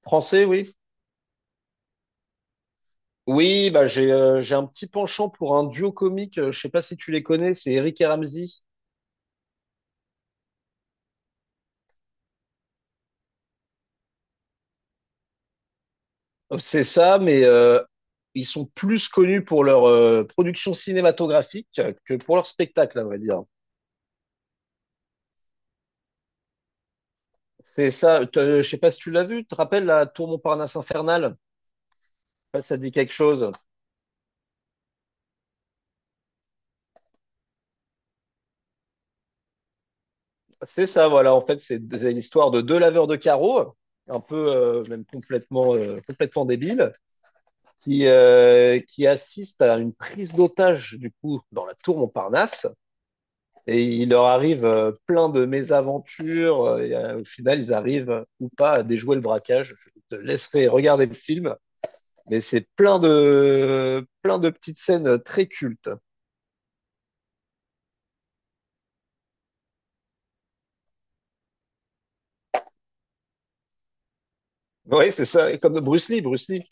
Français, oui. Oui, bah j'ai un petit penchant pour un duo comique. Je sais pas si tu les connais, c'est Eric et Ramzy. C'est ça, mais ils sont plus connus pour leur production cinématographique que pour leur spectacle, à vrai dire. C'est ça. Je sais pas si tu l'as vu. Tu te rappelles la Tour Montparnasse infernale? Je sais pas si ça te dit quelque chose. C'est ça, voilà. En fait, l'histoire de deux laveurs de carreaux, un peu même complètement complètement débiles qui assiste à une prise d'otage du coup dans la tour Montparnasse et il leur arrive plein de mésaventures et au final ils arrivent ou pas à déjouer le braquage. Je te laisserai regarder le film, mais c'est plein de petites scènes très cultes. Oui, c'est ça, comme Bruce Lee, Bruce Lee.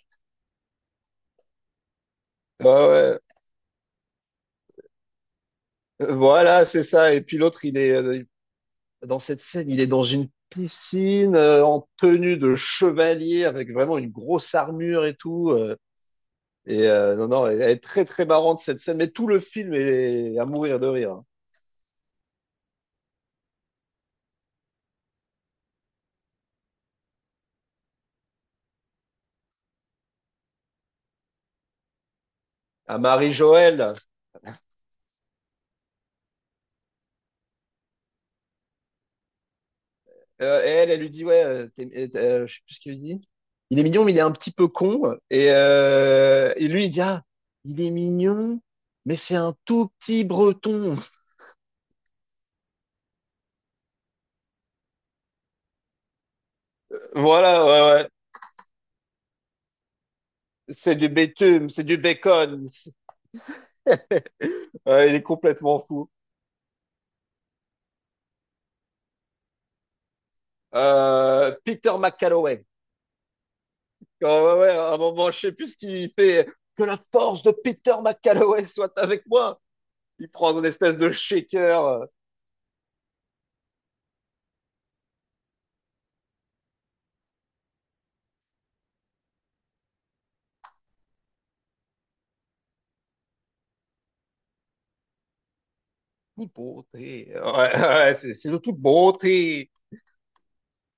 Ouais, ouais. Voilà, c'est ça. Et puis l'autre, il est dans cette scène, il est dans une piscine en tenue de chevalier avec vraiment une grosse armure et tout. Non, non, elle est très, très marrante cette scène, mais tout le film est à mourir de rire. À Marie-Joëlle, et elle, elle lui dit, ouais, je sais plus ce qu'il lui dit. Il est mignon, mais il est un petit peu con. Et lui, il dit, ah, il est mignon, mais c'est un tout petit breton. Voilà, ouais, ouais. C'est du bitume, c'est du bacon. Ouais, il est complètement fou. Peter McCalloway. Quand, ouais, ouais, à un moment, je sais plus ce qu'il fait. Que la force de Peter McCalloway soit avec moi. Il prend une espèce de shaker. Toute beauté. Ouais, ouais, c'est de toute beauté.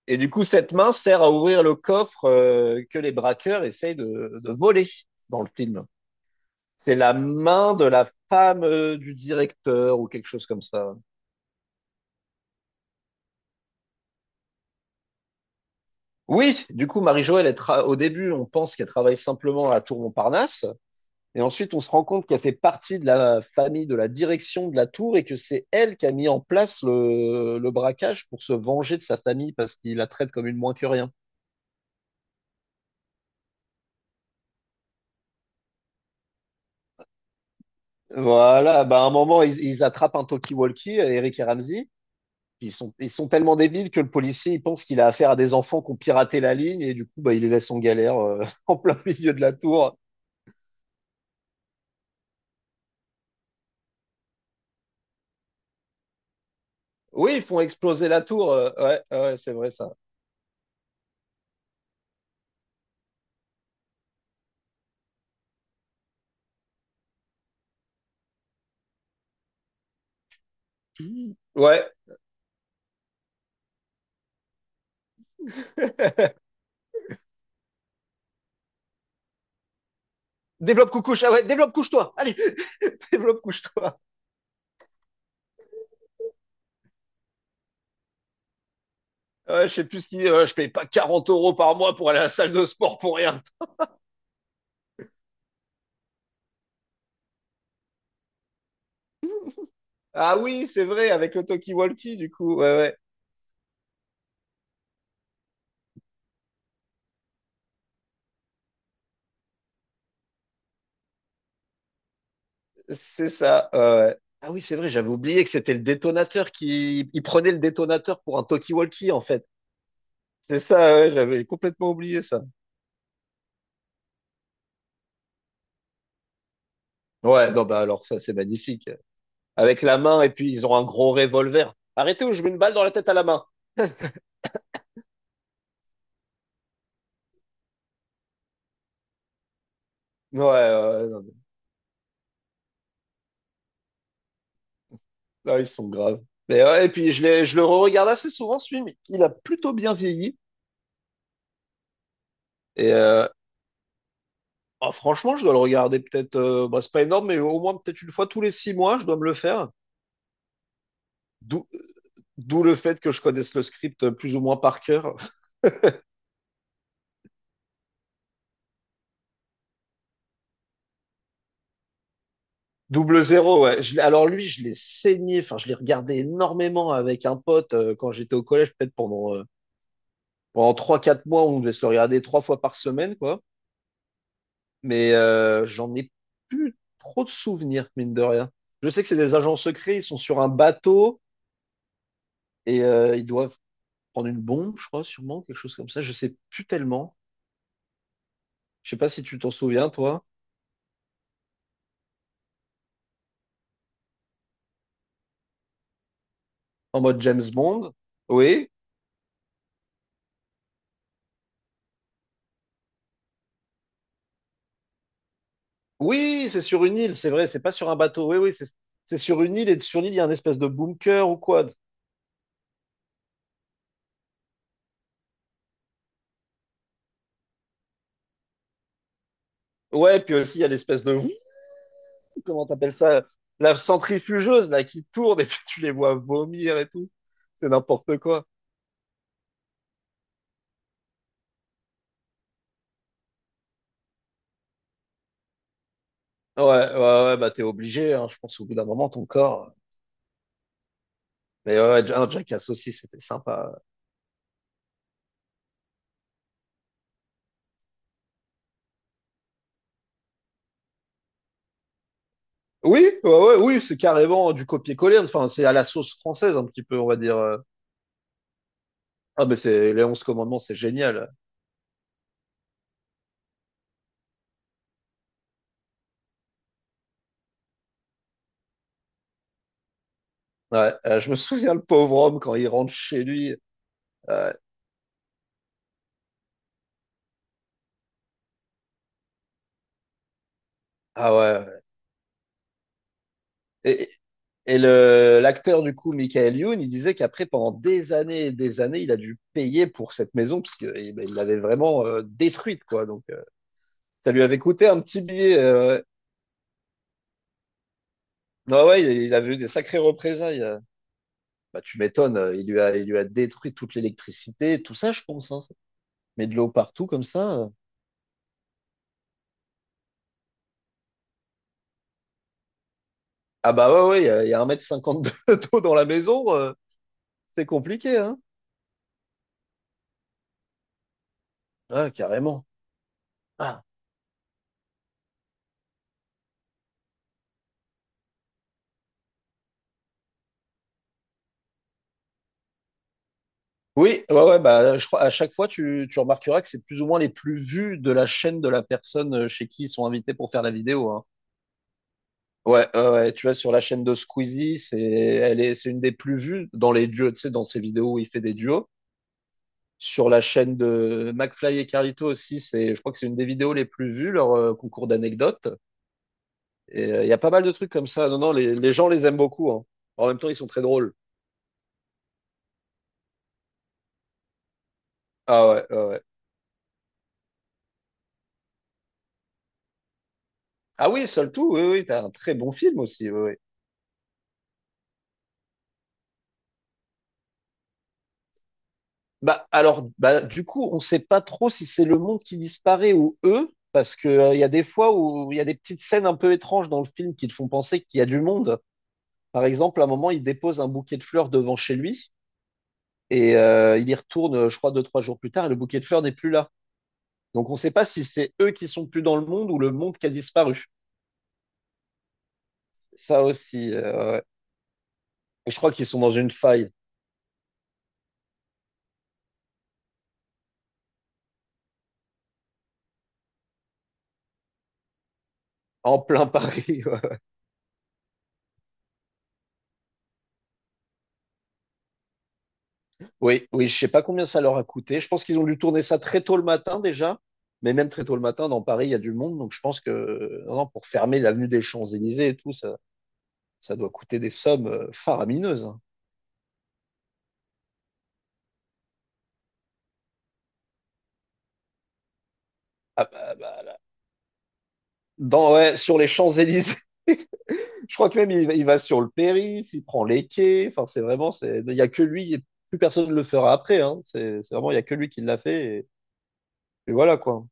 Et du coup, cette main sert à ouvrir le coffre que les braqueurs essayent de voler dans le film. C'est la main de la femme du directeur ou quelque chose comme ça. Oui, du coup, Marie-Jo, elle est au début, on pense qu'elle travaille simplement à la Tour Montparnasse. Et ensuite, on se rend compte qu'elle fait partie de la famille, de la direction de la tour et que c'est elle qui a mis en place le braquage pour se venger de sa famille parce qu'il la traite comme une moins que rien. Voilà, bah à un moment, ils attrapent un talkie-walkie, Eric et Ramsey. Ils sont tellement débiles que le policier, il pense qu'il a affaire à des enfants qui ont piraté la ligne et du coup, bah, il les laisse en galère en plein milieu de la tour. Oui, ils font exploser la tour. Ouais, ouais, ouais, c'est vrai ça. Ouais. développe coucouche. Ah ouais, développe couche-toi. Allez, développe couche-toi. Ouais, je sais plus ce qui. Je paye pas 40 € par mois pour aller à la salle de sport pour rien. Ah oui, c'est vrai, avec le talkie-walkie, du coup. Ouais, ouais, c'est ça. Ouais, ouais. Ah oui, c'est vrai, j'avais oublié que c'était le détonateur qui. Il prenait le détonateur pour un talkie-walkie, en fait. C'est ça, ouais, j'avais complètement oublié ça. Ouais, non, bah alors ça, c'est magnifique. Avec la main, et puis ils ont un gros revolver. Arrêtez ou je mets une balle dans la tête à la main. Ouais, ouais, non. Ah, ils sont graves. Mais ouais, et puis je le re-regarde assez souvent, ce film. Il a plutôt bien vieilli. Et euh, Ah, franchement, je dois le regarder peut-être. Bah, c'est pas énorme, mais au moins peut-être une fois tous les six mois, je dois me le faire. D'où, D'où le fait que je connaisse le script plus ou moins par cœur. Double zéro, ouais. Alors lui, je l'ai saigné. Enfin, je l'ai regardé énormément avec un pote quand j'étais au collège, peut-être pendant trois quatre mois, on devait se le regarder trois fois par semaine, quoi. Mais j'en ai plus trop de souvenirs, mine de rien. Je sais que c'est des agents secrets. Ils sont sur un bateau et ils doivent prendre une bombe, je crois, sûrement quelque chose comme ça. Je sais plus tellement. Je sais pas si tu t'en souviens, toi, en mode James Bond. Oui, oui, c'est sur une île, c'est vrai, c'est pas sur un bateau. Oui, oui, c'est sur une île et sur l'île, il y a un espèce de bunker ou quoi. Ouais, puis aussi, il y a l'espèce de, ouh, comment t'appelles ça, la centrifugeuse, là, qui tourne et puis tu les vois vomir et tout. C'est n'importe quoi. Ouais, ouais, ouais, bah t'es obligé, hein, je pense, au bout d'un moment, ton corps. Mais ouais, ouais, un Jackass aussi, c'était sympa. Oui, ouais, ouais, oui, c'est carrément du copier-coller. Enfin, c'est à la sauce française, un petit peu, on va dire. Ah, mais c'est les onze commandements, c'est génial. Ouais, je me souviens le pauvre homme quand il rentre chez lui. Euh, ah ouais. Ouais. Et, et le l'acteur du coup, Michael Youn, il disait qu'après pendant des années et des années, il a dû payer pour cette maison parce que eh ben, il l'avait vraiment détruite quoi. Donc ça lui avait coûté un petit billet. Non ouais, il avait eu des sacrées représailles. Bah tu m'étonnes, il lui a détruit toute l'électricité, tout ça je pense. Hein. Mais de l'eau partout comme ça. Ah bah ouais ouais, il y a 1,50 m d'eau dans la maison. C'est compliqué, hein? Ah, carrément. Ah. Oui, ouais, ouais, bah, je crois, à chaque fois, tu remarqueras que c'est plus ou moins les plus vus de la chaîne de la personne chez qui ils sont invités pour faire la vidéo, hein. Ouais, ouais, ouais, tu vois, sur la chaîne de Squeezie, c'est, elle est, c'est une des plus vues dans les duos, tu sais, dans ses vidéos où il fait des duos. Sur la chaîne de McFly et Carlito aussi, c'est, je crois que c'est une des vidéos les plus vues, leur concours d'anecdotes. Il y a pas mal de trucs comme ça. Non, non, les gens les aiment beaucoup, hein. En même temps, ils sont très drôles. Ah ouais, ouais, ouais. Ah oui, Seul Tout, oui, oui, t'as un très bon film aussi. Oui, oui. Bah, alors, bah, du coup, on sait pas trop si c'est le monde qui disparaît ou eux, parce que, il y a des fois où il y a des petites scènes un peu étranges dans le film qui te font penser qu'il y a du monde. Par exemple, à un moment, il dépose un bouquet de fleurs devant chez lui, et il y retourne, je crois, deux, trois jours plus tard, et le bouquet de fleurs n'est plus là. Donc, on sait pas si c'est eux qui sont plus dans le monde ou le monde qui a disparu. Ça aussi, ouais. Et je crois qu'ils sont dans une faille, en plein Paris. Oui, oui, je sais pas combien ça leur a coûté. Je pense qu'ils ont dû tourner ça très tôt le matin déjà, mais même très tôt le matin, dans Paris, il y a du monde, donc je pense que non, non, pour fermer l'avenue des Champs-Élysées et tout, ça doit coûter des sommes faramineuses. Hein. Ah bah, bah, là. Dans, ouais, sur les Champs-Élysées, je crois que même il va sur le périph', il prend les quais, enfin c'est vraiment, c'est, il y a que lui, et plus personne ne le fera après, hein. C'est vraiment, il y a que lui qui l'a fait, et voilà quoi.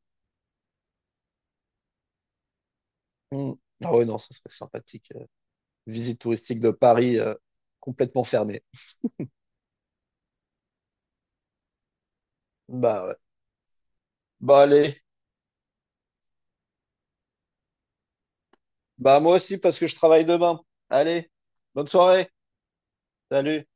Hmm. Ah ouais, non, ça serait sympathique. Visite touristique de Paris complètement fermée. Bah ouais. Bah allez, bah moi aussi parce que je travaille demain. Allez, bonne soirée. Salut.